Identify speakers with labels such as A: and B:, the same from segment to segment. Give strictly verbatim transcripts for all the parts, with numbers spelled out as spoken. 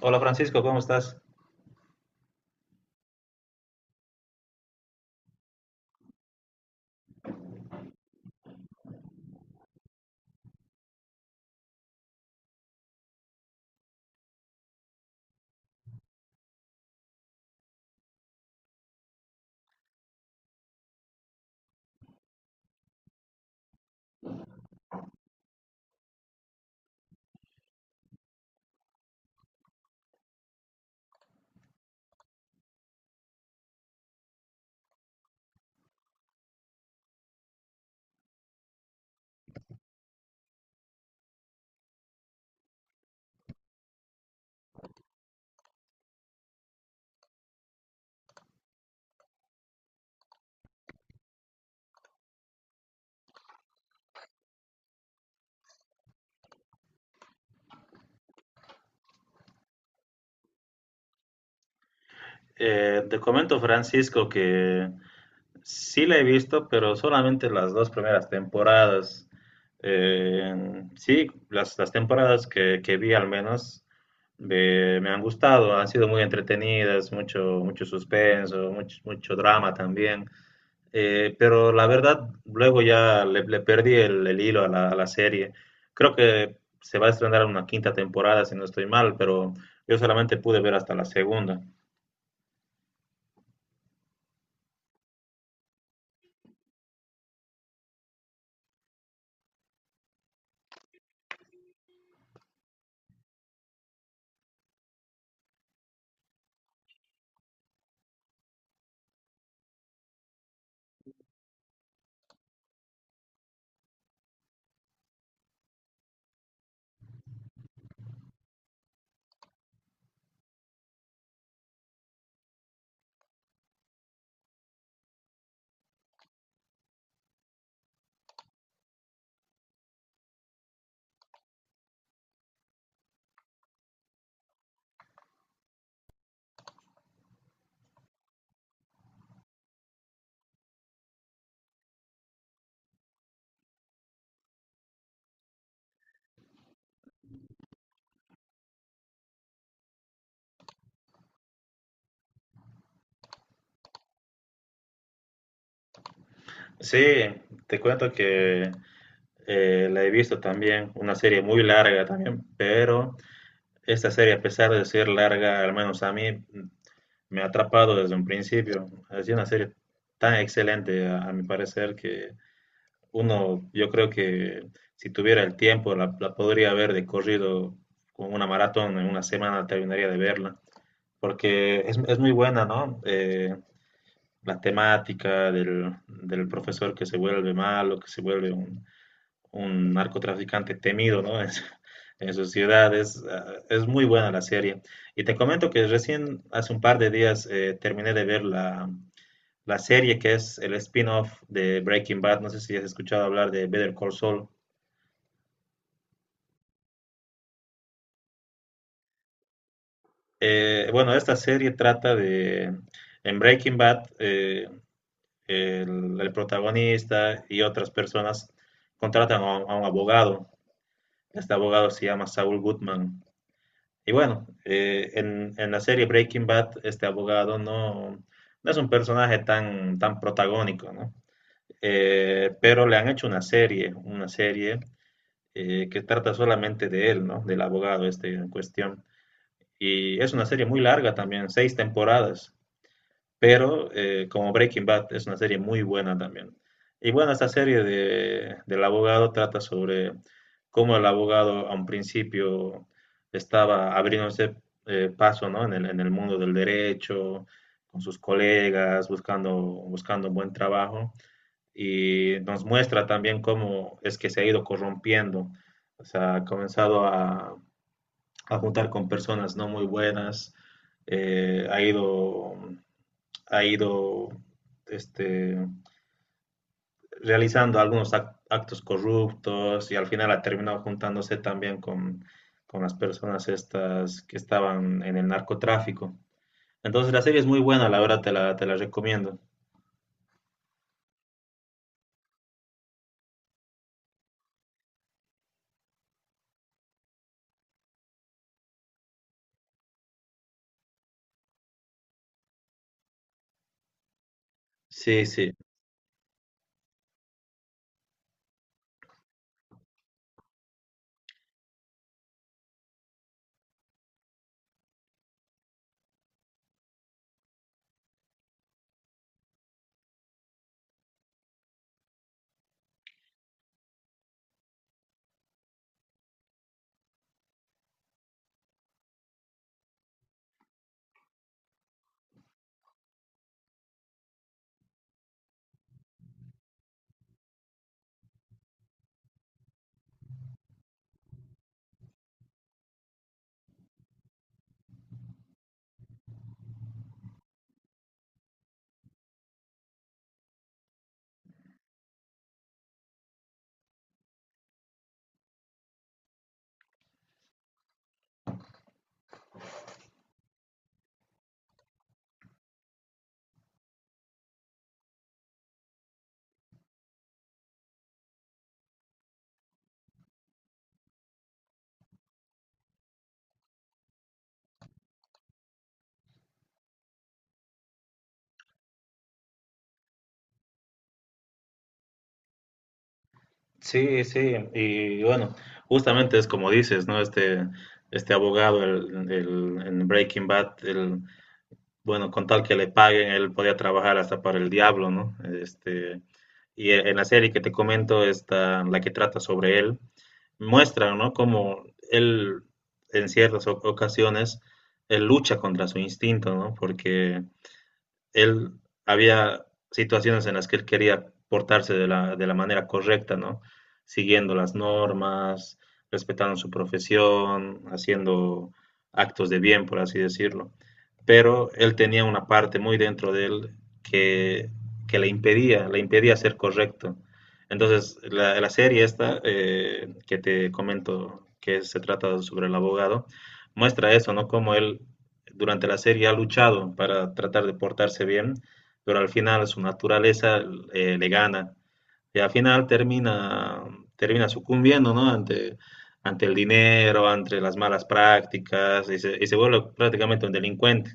A: Hola Francisco, ¿cómo estás? Eh, te comento Francisco que sí la he visto, pero solamente las dos primeras temporadas. Eh, sí, las, las temporadas que, que vi al menos me, me han gustado, han sido muy entretenidas, mucho, mucho suspenso, mucho, mucho drama también. Eh, pero la verdad, luego ya le, le perdí el, el hilo a la, a la serie. Creo que se va a estrenar una quinta temporada, si no estoy mal, pero yo solamente pude ver hasta la segunda. Sí, te cuento que eh, la he visto también, una serie muy larga también, pero esta serie, a pesar de ser larga, al menos a mí, me ha atrapado desde un principio. Es una serie tan excelente, a, a mi parecer, que uno, yo creo que si tuviera el tiempo, la, la podría ver de corrido con una maratón en una semana, terminaría de verla, porque es, es muy buena, ¿no? Eh, la temática del, del profesor que se vuelve malo, que se vuelve un, un narcotraficante temido, ¿no? Es, en su ciudad. Es, ah, es, muy buena la serie. Y te comento que recién, hace un par de días, eh, terminé de ver la, la, serie que es el spin-off de Breaking Bad. No sé si has escuchado hablar de Better Call Saul. Eh, bueno, esta serie trata de, en Breaking Bad, eh, el, el, protagonista y otras personas contratan a, a un abogado. Este abogado se llama Saul Goodman. Y bueno, eh, en, en, la serie Breaking Bad, este abogado no, no es un personaje tan, tan protagónico, ¿no? Eh, pero le han hecho una serie, una serie eh, que trata solamente de él, ¿no? Del abogado este en cuestión. Y es una serie muy larga también, seis temporadas, pero eh, como Breaking Bad es una serie muy buena también. Y bueno, esta serie de, del abogado trata sobre cómo el abogado a un principio estaba abriéndose eh, paso, ¿no?, en el, en el mundo del derecho, con sus colegas, buscando, buscando buen trabajo. Y nos muestra también cómo es que se ha ido corrompiendo. O sea, ha comenzado a, a juntar con personas no muy buenas, eh, ha ido ha ido este, realizando algunos actos corruptos y al final ha terminado juntándose también con, con las personas estas que estaban en el narcotráfico. Entonces la serie es muy buena, la verdad te la, te la recomiendo. Sí, sí, sí, sí. Y bueno, justamente es como dices, ¿no? Este, este abogado el- el- en Breaking Bad, el, bueno, con tal que le paguen, él podía trabajar hasta para el diablo, ¿no? Este, y e- en la serie que te comento, esta, la que trata sobre él, muestra, ¿no?, cómo él, en ciertas o- ocasiones, él lucha contra su instinto, ¿no? Porque él había situaciones en las que él quería portarse de la, de la manera correcta, ¿no? Siguiendo las normas, respetando su profesión, haciendo actos de bien, por así decirlo. Pero él tenía una parte muy dentro de él que, que le impedía, le impedía ser correcto. Entonces, la, la serie esta, eh, que te comento que se trata sobre el abogado, muestra eso, ¿no?, cómo él durante la serie ha luchado para tratar de portarse bien, pero al final su naturaleza eh, le gana y al final termina, termina sucumbiendo, ¿no?, Ante, ante el dinero, ante las malas prácticas y se, y se vuelve prácticamente un delincuente.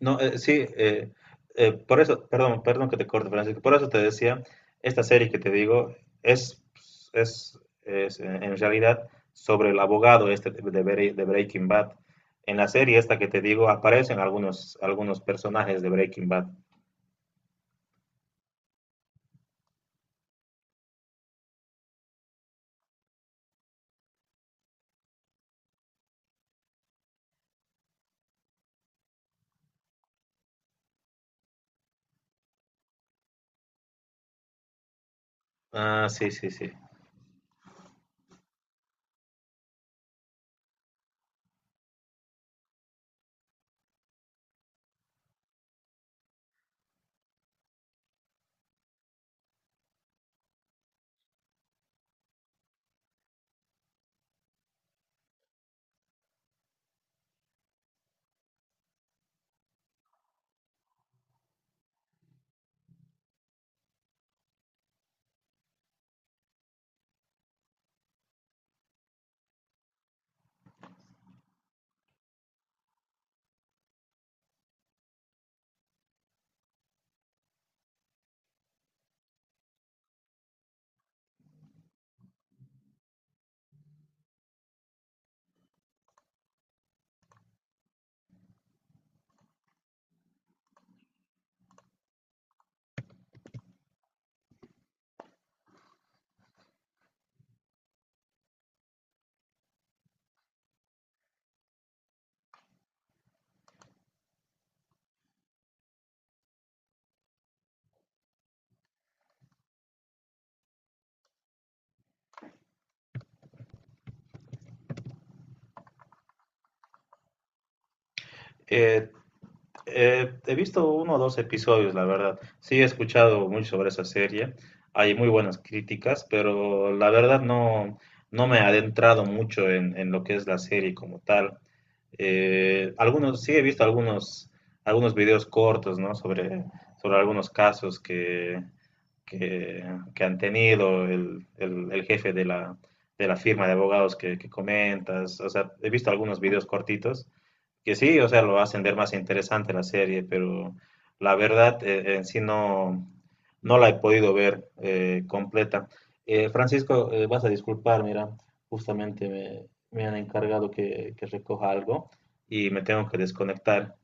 A: No, eh, sí, eh, eh, por eso, perdón, perdón que te corte, Francisco, por eso te decía, esta serie que te digo es, es, es, eh, en realidad sobre el abogado este de, de Bre- de Breaking Bad. En la serie esta que te digo aparecen algunos, algunos personajes de Breaking Bad. Ah, sí, sí, sí. Eh, Eh, he visto uno o dos episodios, la verdad. Sí, he escuchado mucho sobre esa serie. Hay muy buenas críticas, pero la verdad no, no me he adentrado mucho en, en lo que es la serie como tal. Eh, algunos, sí he visto algunos, algunos videos cortos, ¿no?, Sobre, sobre algunos casos que, que, que han tenido el, el, el jefe de la, de la firma de abogados que, que comentas. O sea, he visto algunos videos cortitos que sí, o sea, lo va a hacer más interesante la serie, pero la verdad eh, en sí no, no la he podido ver eh, completa. Eh, Francisco, eh, vas a disculpar, mira, justamente me, me han encargado que, que recoja algo y me tengo que desconectar.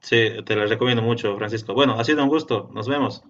A: Sí, te la recomiendo mucho, Francisco. Bueno, ha sido un gusto, nos vemos.